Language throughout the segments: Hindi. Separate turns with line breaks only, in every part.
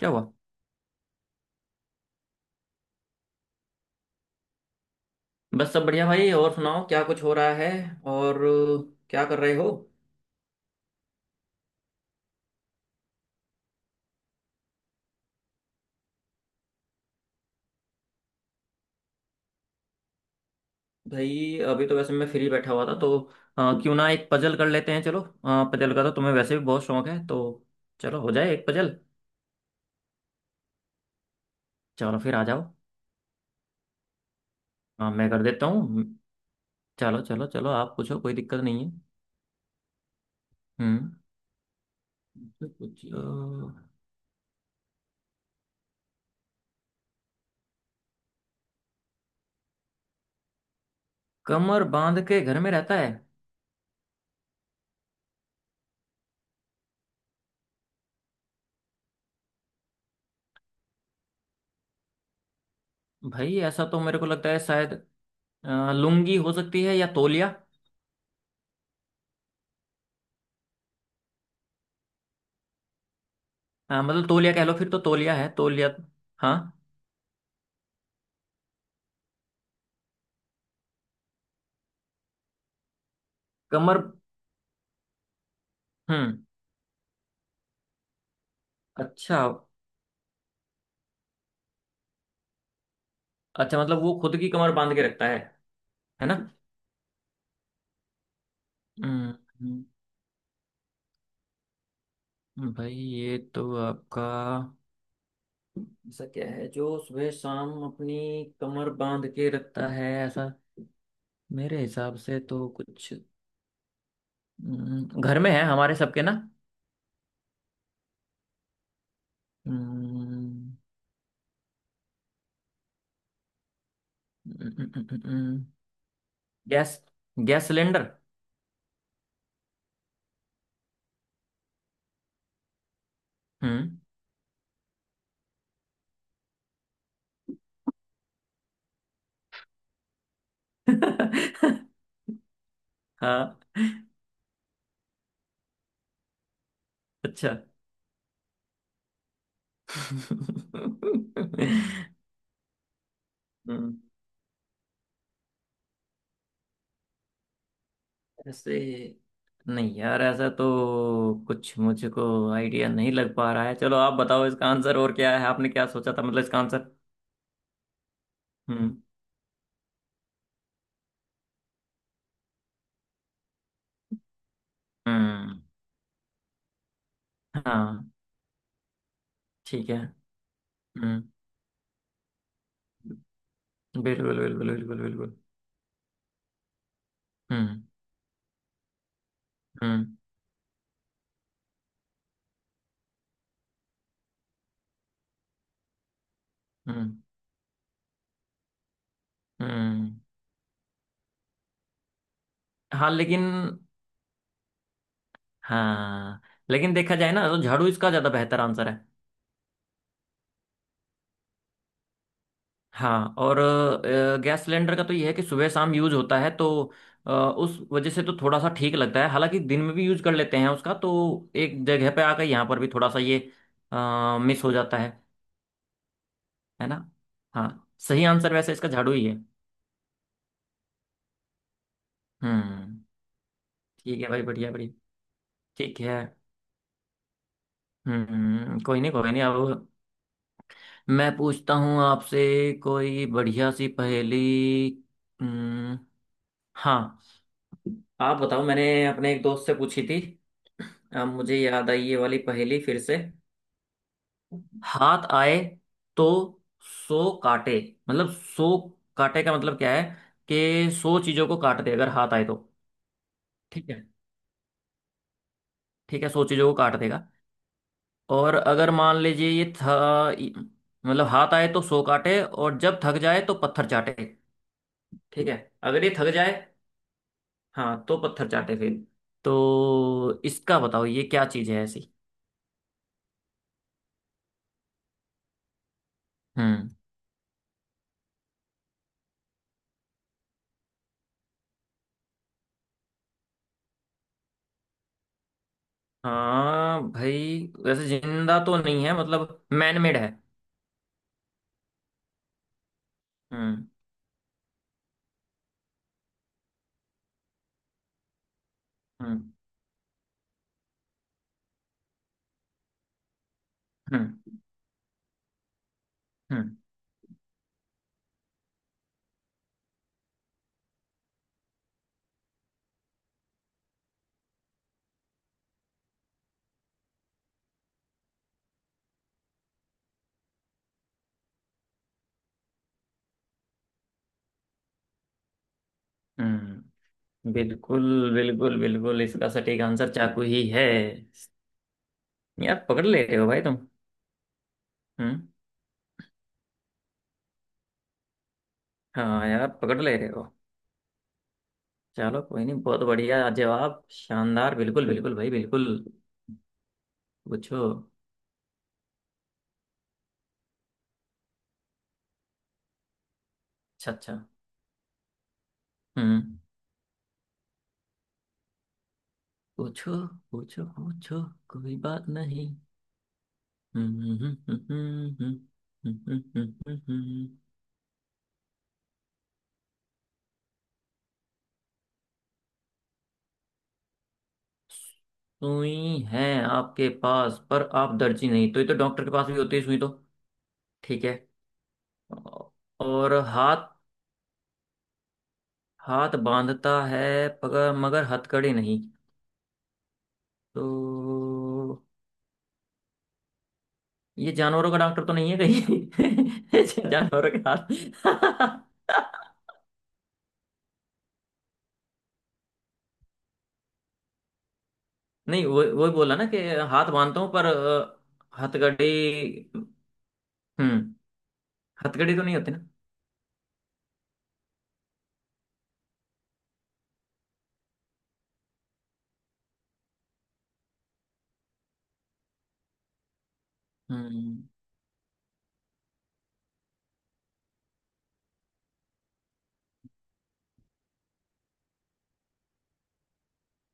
क्या हुआ? बस सब बढ़िया भाई। और सुनाओ क्या कुछ हो रहा है? और क्या कर रहे हो? भाई अभी तो वैसे मैं फ्री बैठा हुआ था, तो क्यों ना एक पजल कर लेते हैं। चलो। पजल का तो तुम्हें वैसे भी बहुत शौक है तो। चलो हो जाए एक पजल। चलो फिर आ जाओ। हाँ, मैं कर देता हूँ। चलो चलो चलो, आप पूछो, कोई दिक्कत नहीं है। हम्म। तो कुछ कमर बांध के घर में रहता है। भाई ऐसा तो मेरे को लगता है शायद। लुंगी हो सकती है या तौलिया। मतलब तौलिया कह लो फिर। तो तौलिया है तौलिया। हाँ। कमर। हम्म। अच्छा। अच्छा, मतलब वो खुद की कमर बांध के रखता है। है ना? हम्म। हम्म, भाई ये तो आपका। ऐसा क्या है जो सुबह शाम अपनी कमर बांध के रखता है ऐसा? मेरे हिसाब से तो कुछ। घर में है हमारे सबके ना। हम्म, गैस, गैस सिलेंडर। हम्म। हाँ। अच्छा। हम्म। ऐसे। नहीं यार, ऐसा तो कुछ मुझको आइडिया नहीं लग पा रहा है। चलो आप बताओ इसका आंसर और क्या है, आपने क्या सोचा था मतलब इसका आंसर। हम्म। हम्म। हाँ, ठीक है। हम्म। बिल्कुल बिल्कुल बिल्कुल बिल्कुल। हम्म, हम्म, हम्म, हम्म। हाँ लेकिन। हाँ, लेकिन देखा जाए ना तो झाड़ू इसका ज्यादा बेहतर आंसर है। हाँ, और गैस सिलेंडर का तो ये है कि सुबह शाम यूज होता है तो। उस वजह से तो थोड़ा सा ठीक लगता है, हालांकि दिन में भी यूज कर लेते हैं उसका, तो एक जगह पे आकर यहाँ पर भी थोड़ा सा ये मिस हो जाता है। है ना? हाँ। सही आंसर वैसे इसका झाड़ू ही है। हम्म। ठीक है भाई, बढ़िया बढ़िया। ठीक है। हम्म। कोई नहीं, कोई नहीं, अब मैं पूछता हूँ आपसे कोई बढ़िया सी पहेली। हम्म। हाँ। आप बताओ, मैंने अपने एक दोस्त से पूछी थी। अब मुझे याद आई ये वाली पहेली फिर से। हाथ आए तो सो काटे। मतलब सो, काटे का मतलब क्या है कि सौ चीजों को काट दे अगर हाथ आए तो। ठीक है। ठीक है, सौ चीजों को काट देगा। और अगर मान लीजिए ये था, मतलब हाथ आए तो सो काटे, और जब थक जाए तो पत्थर चाटे। ठीक है। अगर ये थक जाए, हाँ, तो पत्थर चाटे फिर। तो इसका बताओ ये क्या चीज है ऐसी? हम्म। हाँ भाई, वैसे जिंदा तो नहीं है, मतलब मैनमेड है। हम्म, हम्म, हम्म, हम्म, हम्म। बिल्कुल बिल्कुल बिल्कुल, इसका सटीक आंसर चाकू ही है। यार पकड़ ले रहे हो भाई तुम। हम्म। हाँ यार पकड़ ले रहे हो। चलो कोई नहीं, बहुत बढ़िया जवाब, शानदार, बिल्कुल बिल्कुल भाई, बिल्कुल। पूछो। अच्छा अच्छा। हम्म। पूछो पूछो। पूछो। कोई बात नहीं। हम्म, हम्म, हम्म, हम्म, हम्म, हम्म, सुई है आपके पास, पर आप दर्जी नहीं, तो ये तो डॉक्टर के पास भी होती है सुई तो। ठीक है। और हाथ। हाथ बांधता है पगर मगर हथकड़ी नहीं। तो ये जानवरों का डॉक्टर तो नहीं है कहीं? जानवरों के हाथ नहीं, वो वही बोला ना कि हाथ बांधता हूँ पर हथकड़ी। हम्म। हथकड़ी तो नहीं होती ना। हम्म।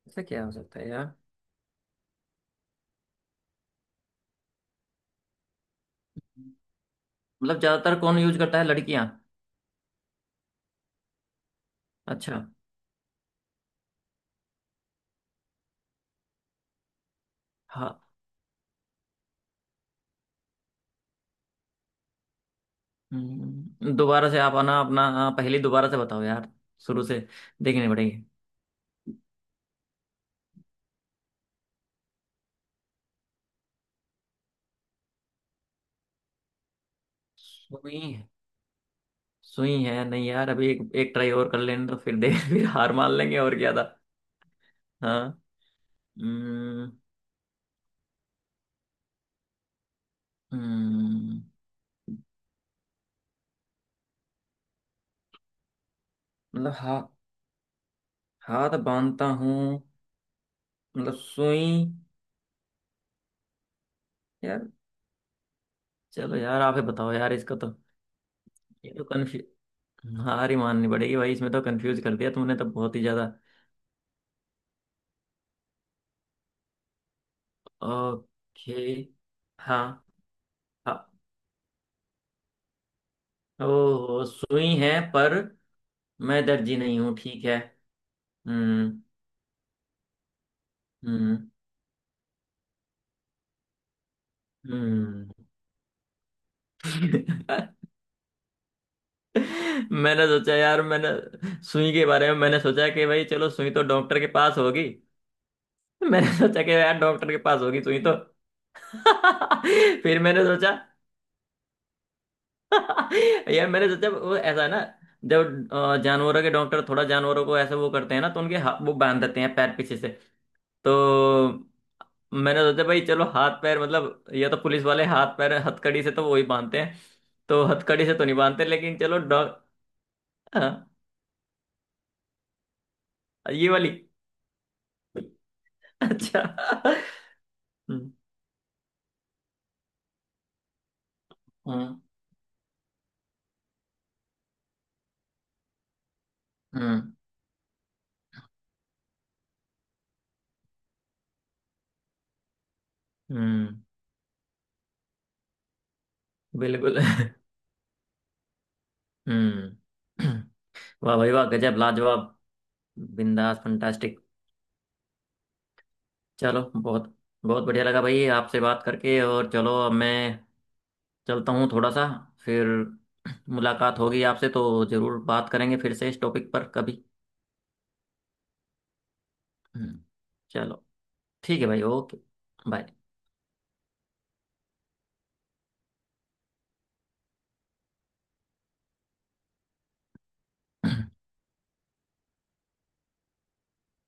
ऐसा क्या हो सकता है यार? मतलब ज्यादातर कौन यूज करता है, लड़कियां? अच्छा। हा- दोबारा से आप आना अपना, हाँ, पहले दोबारा से बताओ यार। शुरू से। देखने पड़ेंगे। सुई है। सुई है नहीं यार, अभी एक ट्राई और कर लेने, तो फिर देख फिर हार मान लेंगे, और क्या था। हाँ। हम्म। हम्म, मतलब हाथ बांधता हूँ, मतलब सुई। यार। चलो यार, आप ही बताओ यार, इसका तो। ये तो कन्फ्यूज। हार ही माननी पड़ेगी भाई, इसमें तो कंफ्यूज कर दिया तुमने तो बहुत ही ज्यादा। ओके। हाँ, हाँ। ओ, सुई है पर। मैं दर्जी नहीं हूँ, ठीक है। हम्म, हम्म, हम्म। मैंने सोचा यार, मैंने सुई के बारे में मैंने सोचा कि भाई चलो सुई तो डॉक्टर के पास होगी। मैंने सोचा कि यार डॉक्टर के पास होगी सुई तो। फिर मैंने सोचा। यार मैंने सोचा, वो ऐसा है ना, जब जानवरों के डॉक्टर थोड़ा जानवरों को ऐसे वो करते हैं ना, तो उनके वो बांध देते हैं पैर पीछे से। तो मैंने सोचा भाई चलो हाथ पैर मतलब, या तो पुलिस वाले हाथ पैर हथकड़ी से तो वही बांधते हैं। तो हथकड़ी से तो नहीं बांधते लेकिन चलो डॉग। हाँ, ये वाली। अच्छा। हम्म, हम्म, हम्म, हम्म। बिल्कुल। हम्म। वाह भाई वाह, गजब, लाजवाब। बिंदास फंटास्टिक। चलो बहुत। बहुत बढ़िया लगा भाई आपसे बात करके, और चलो अब मैं चलता हूँ थोड़ा सा। फिर मुलाकात होगी आपसे तो जरूर बात करेंगे फिर से इस टॉपिक पर कभी। हम्म। चलो। ठीक है भाई, ओके। बाय।